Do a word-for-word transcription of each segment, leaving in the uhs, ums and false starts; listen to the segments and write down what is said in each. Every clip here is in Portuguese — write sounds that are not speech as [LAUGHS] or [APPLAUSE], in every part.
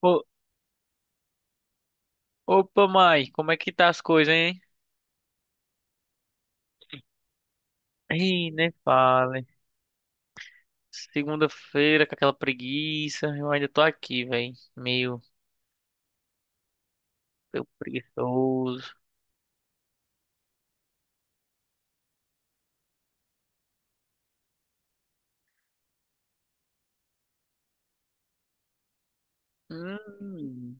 Ô- Opa, mãe, como é que tá as coisas, hein? Ih, nem fale. Segunda-feira com aquela preguiça, eu ainda tô aqui, velho. Meio, meio preguiçoso. Hum,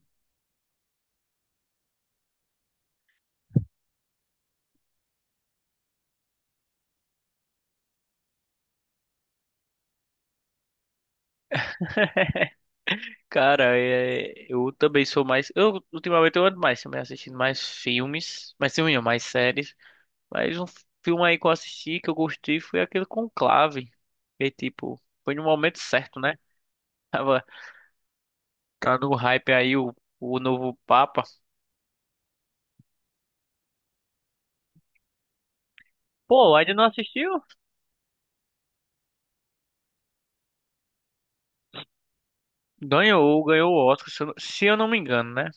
cara, é, eu também sou mais. Eu ultimamente eu ando mais, também assistindo mais filmes, mais filme, não, mais séries. Mas um filme aí que eu assisti que eu gostei foi aquele Conclave. Que tipo, foi no momento certo, né? Tava, tá no hype aí o, o novo Papa. Pô, ainda não assistiu? Ganhou, ganhou o Oscar, se eu, não- se eu não me engano, né?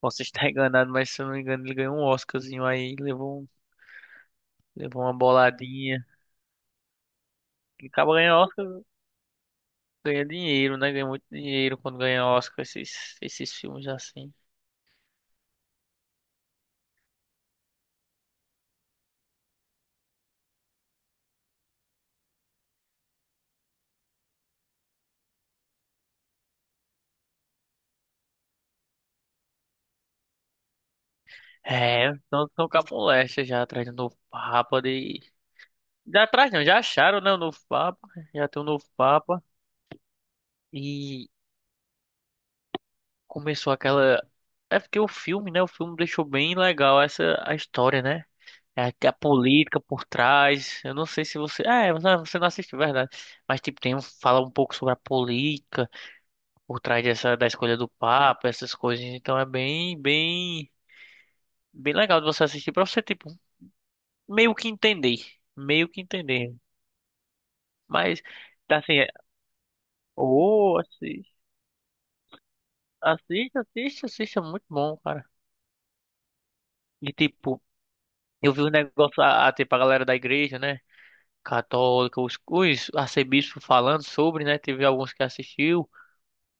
Posso estar [LAUGHS] enganado, mas se eu não me engano, ele ganhou um Oscarzinho aí, levou, um- levou uma boladinha. E acaba ganhando Oscar, ganha dinheiro, né? Ganha muito dinheiro quando ganha Oscar esses, esses filmes assim. É, então estão com a moléstia já atrás do novo Papa de. Já atrás não, já acharam, né? O novo Papa, já tem o novo Papa. E começou aquela. É porque o filme, né? O filme deixou bem legal essa a história, né? É que a política por trás. Eu não sei se você. Ah, é, você você não assistiu, verdade. Mas, tipo, tem um, fala um pouco sobre a política por trás dessa, da escolha do Papa, essas coisas. Então é bem, bem, bem legal de você assistir pra você, tipo, meio que entender. Meio que entender. Mas, tá assim, é- ô, assiste, assiste, assiste, assiste, é muito bom, cara. E, tipo, eu vi um negócio, a, a, tipo, a galera da igreja, né? Católica, os, os arcebispos falando sobre, né? Teve alguns que assistiu.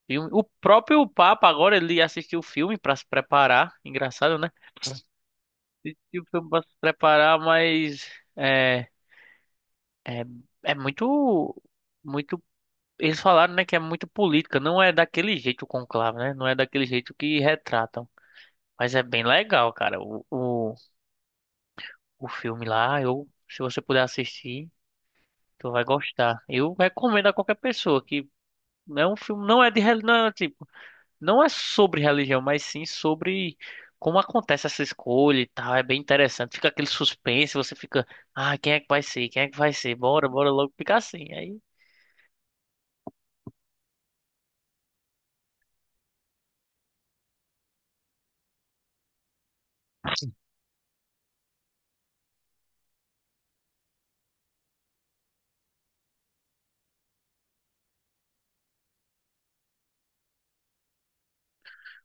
Filme. O próprio Papa agora ele assistiu o filme pra se preparar. Engraçado, né? E o filme pra se preparar, mas é, é, é muito, muito. Eles falaram, né, que é muito política. Não é daquele jeito o conclave, né? Não é daquele jeito que retratam. Mas é bem legal, cara. O, o, o filme lá, eu, se você puder assistir, tu vai gostar. Eu recomendo a qualquer pessoa que é um filme, não é de, reli- não é, tipo, não é sobre religião, mas sim sobre como acontece essa escolha e tal. É bem interessante. Fica aquele suspense, você fica, ah, quem é que vai ser? Quem é que vai ser? Bora, bora logo ficar assim. Aí,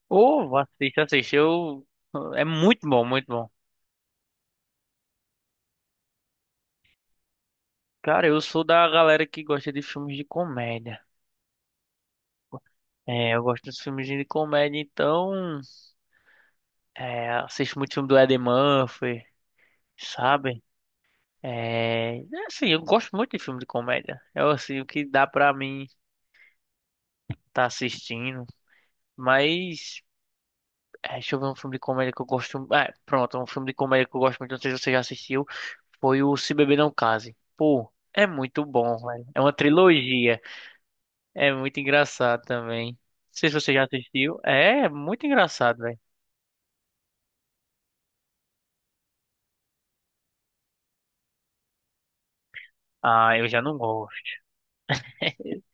ô, assiste, assiste. Eu... É muito bom, muito bom. Cara, eu sou da galera que gosta de filmes de comédia. É, eu gosto dos filmes de comédia, então, é, assisto muito filme do Eddie Murphy, sabe? É, é assim, eu gosto muito de filme de comédia. É assim, o que dá pra mim tá assistindo. Mas. É, deixa eu ver um filme de comédia que eu gosto. É, pronto, um filme de comédia que eu gosto muito. Não sei se você já assistiu. Foi o Se Beber Não Case. Pô, é muito bom, velho. É uma trilogia. É muito engraçado também. Não sei se você já assistiu. É, é muito engraçado, velho. Ah, eu já não gosto. [LAUGHS]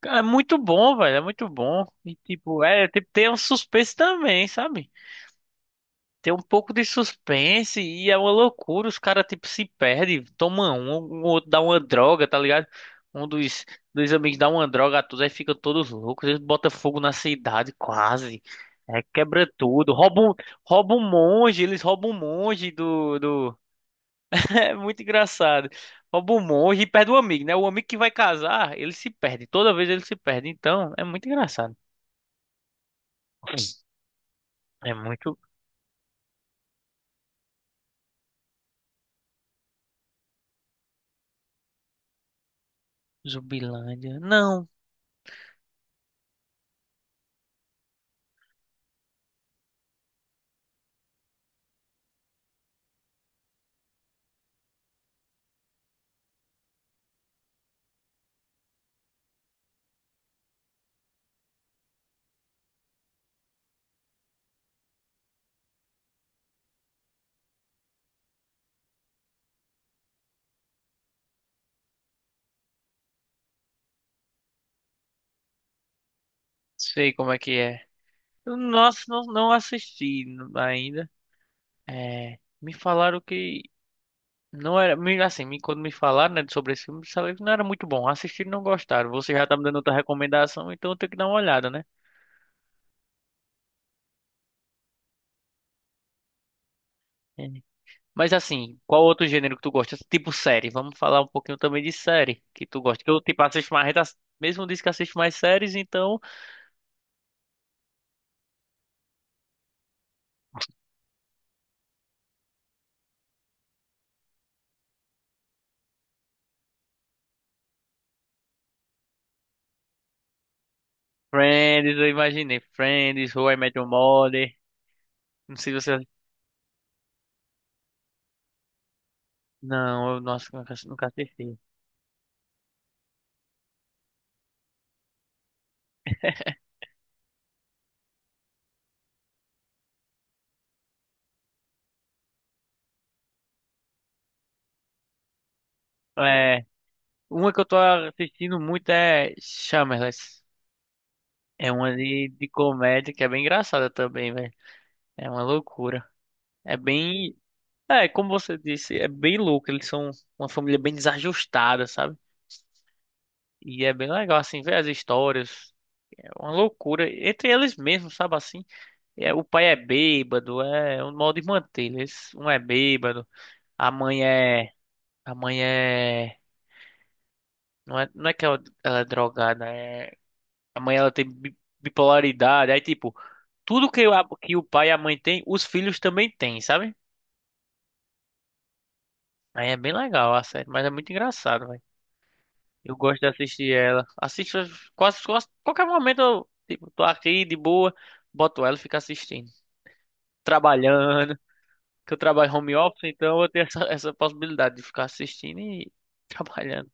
Cara, é muito bom, velho. É muito bom. E tipo, é, tem, tem um suspense também, sabe? Tem um pouco de suspense e é uma loucura. Os caras, tipo, se perdem, tomam um, o outro dá uma droga, tá ligado? Um dos, dos amigos dá uma droga a todos, aí ficam todos loucos. Eles botam fogo na cidade, quase. É, quebra tudo. Roubam, roubam um monge, eles roubam um monge do, do... [LAUGHS] É muito engraçado. Rouba o monge e perde o amigo, né? O amigo que vai casar, ele se perde. Toda vez ele se perde. Então, é muito engraçado. É muito Zumbilândia. Não sei como é que é. Eu, nossa, não, não assisti ainda. É, me falaram que não era. me- Assim, me- quando me falaram, né, sobre esse filme, sabe que não era muito bom. Assistir não gostaram. Você já tá me dando outra recomendação, então eu tenho que dar uma olhada, né? É. Mas assim, qual outro gênero que tu gosta? Tipo série. Vamos falar um pouquinho também de série que tu gosta. Que eu, tipo, assisto mais. Mesmo disse que assisto mais séries, então. Friends, eu imaginei. Friends, How I Met Your Mother. Não sei se você não, eu, nossa, nunca, nunca assisti. É, uma que eu tô assistindo muito é Shameless. É uma de, de comédia que é bem engraçada também, velho. É uma loucura. É bem. É, como você disse, é bem louco. Eles são uma família bem desajustada, sabe? E é bem legal, assim, ver as histórias. É uma loucura. Entre eles mesmos, sabe assim? É, o pai é bêbado, é é um modo de manter. Eles, um é bêbado, a mãe é. A mãe é. Não é, não é que ela ela é drogada, é a mãe ela tem bi- bipolaridade. Aí, tipo, tudo que, a- que o pai e a mãe tem, os filhos também têm, sabe? Aí é bem legal a série, mas é muito engraçado, velho. Eu gosto de assistir ela. Assisto quase, quase qualquer momento, eu, tipo, tô aqui de boa, boto ela e fico assistindo. Trabalhando, que eu trabalho home office, então eu tenho [LAUGHS] essa, essa possibilidade de ficar assistindo e [LAUGHS] trabalhando.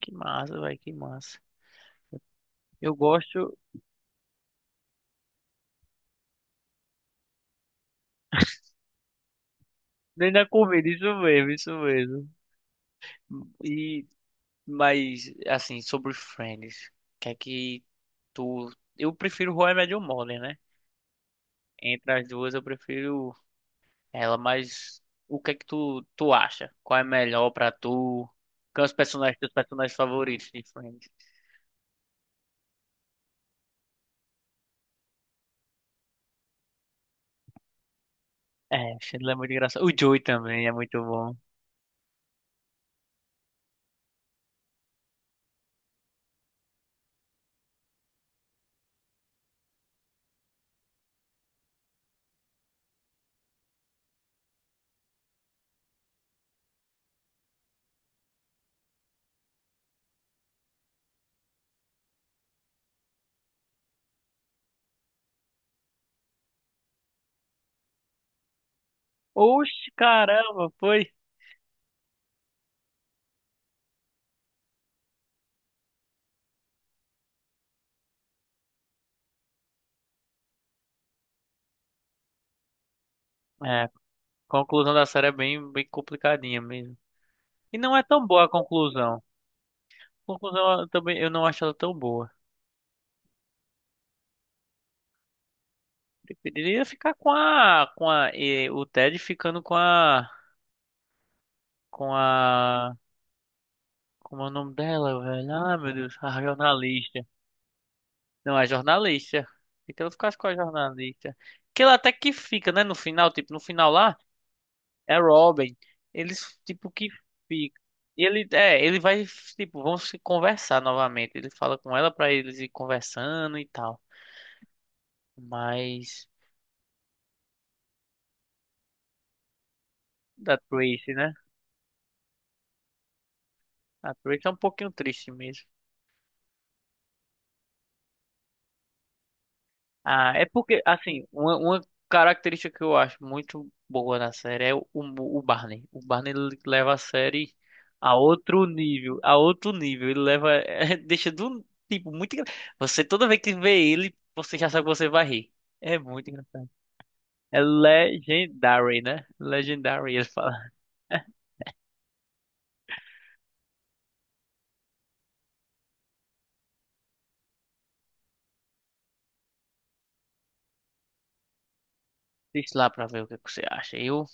Que massa, velho, que massa. Eu gosto nem da comida, isso mesmo, isso mesmo. E mas, assim, sobre Friends, que é que tu. Eu prefiro How I Met Your Mother, né? Entre as duas, eu prefiro ela, mas o que é que tu, tu acha? Qual é melhor pra tu? Quais os personagens, teus personagens favoritos de Friends? É, Chandler é muito engraçado. O Joey também é muito bom. Oxe, caramba, foi. É, a conclusão da série é bem, bem complicadinha mesmo. E não é tão boa a conclusão. A conclusão eu também eu não acho ela tão boa. Preferiria ficar com a, com a, eh, o Ted ficando com a, com a, como é o nome dela, velho? Ah, meu Deus, a jornalista. Não, a jornalista. Então eu ficasse com a jornalista. Que ela até que fica, né? No final, tipo, no final lá, é Robin. Eles, tipo, que fica. Ele, é, ele vai, tipo, vão se conversar novamente. Ele fala com ela pra eles ir conversando e tal. Mas, da Tracy, né? A Tracy é um pouquinho triste mesmo. Ah, é porque, assim, uma, uma característica que eu acho muito boa na série é o, o Barney. O Barney ele leva a série a outro nível, a outro nível. Ele leva, [LAUGHS] é, deixa do tipo muito. engra- Você toda vez que vê ele, você já sabe que você vai rir. É muito engraçado. É legendary, né? Legendary, ele fala. [LAUGHS] Deixa lá pra ver o que que você acha. Eu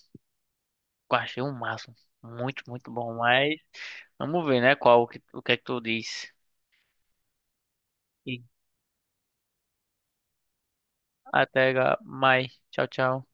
achei um máximo. Muito, muito bom. Mas vamos ver, né? Qual o que, o que é que tu diz. Até ga- mais. Tchau, tchau.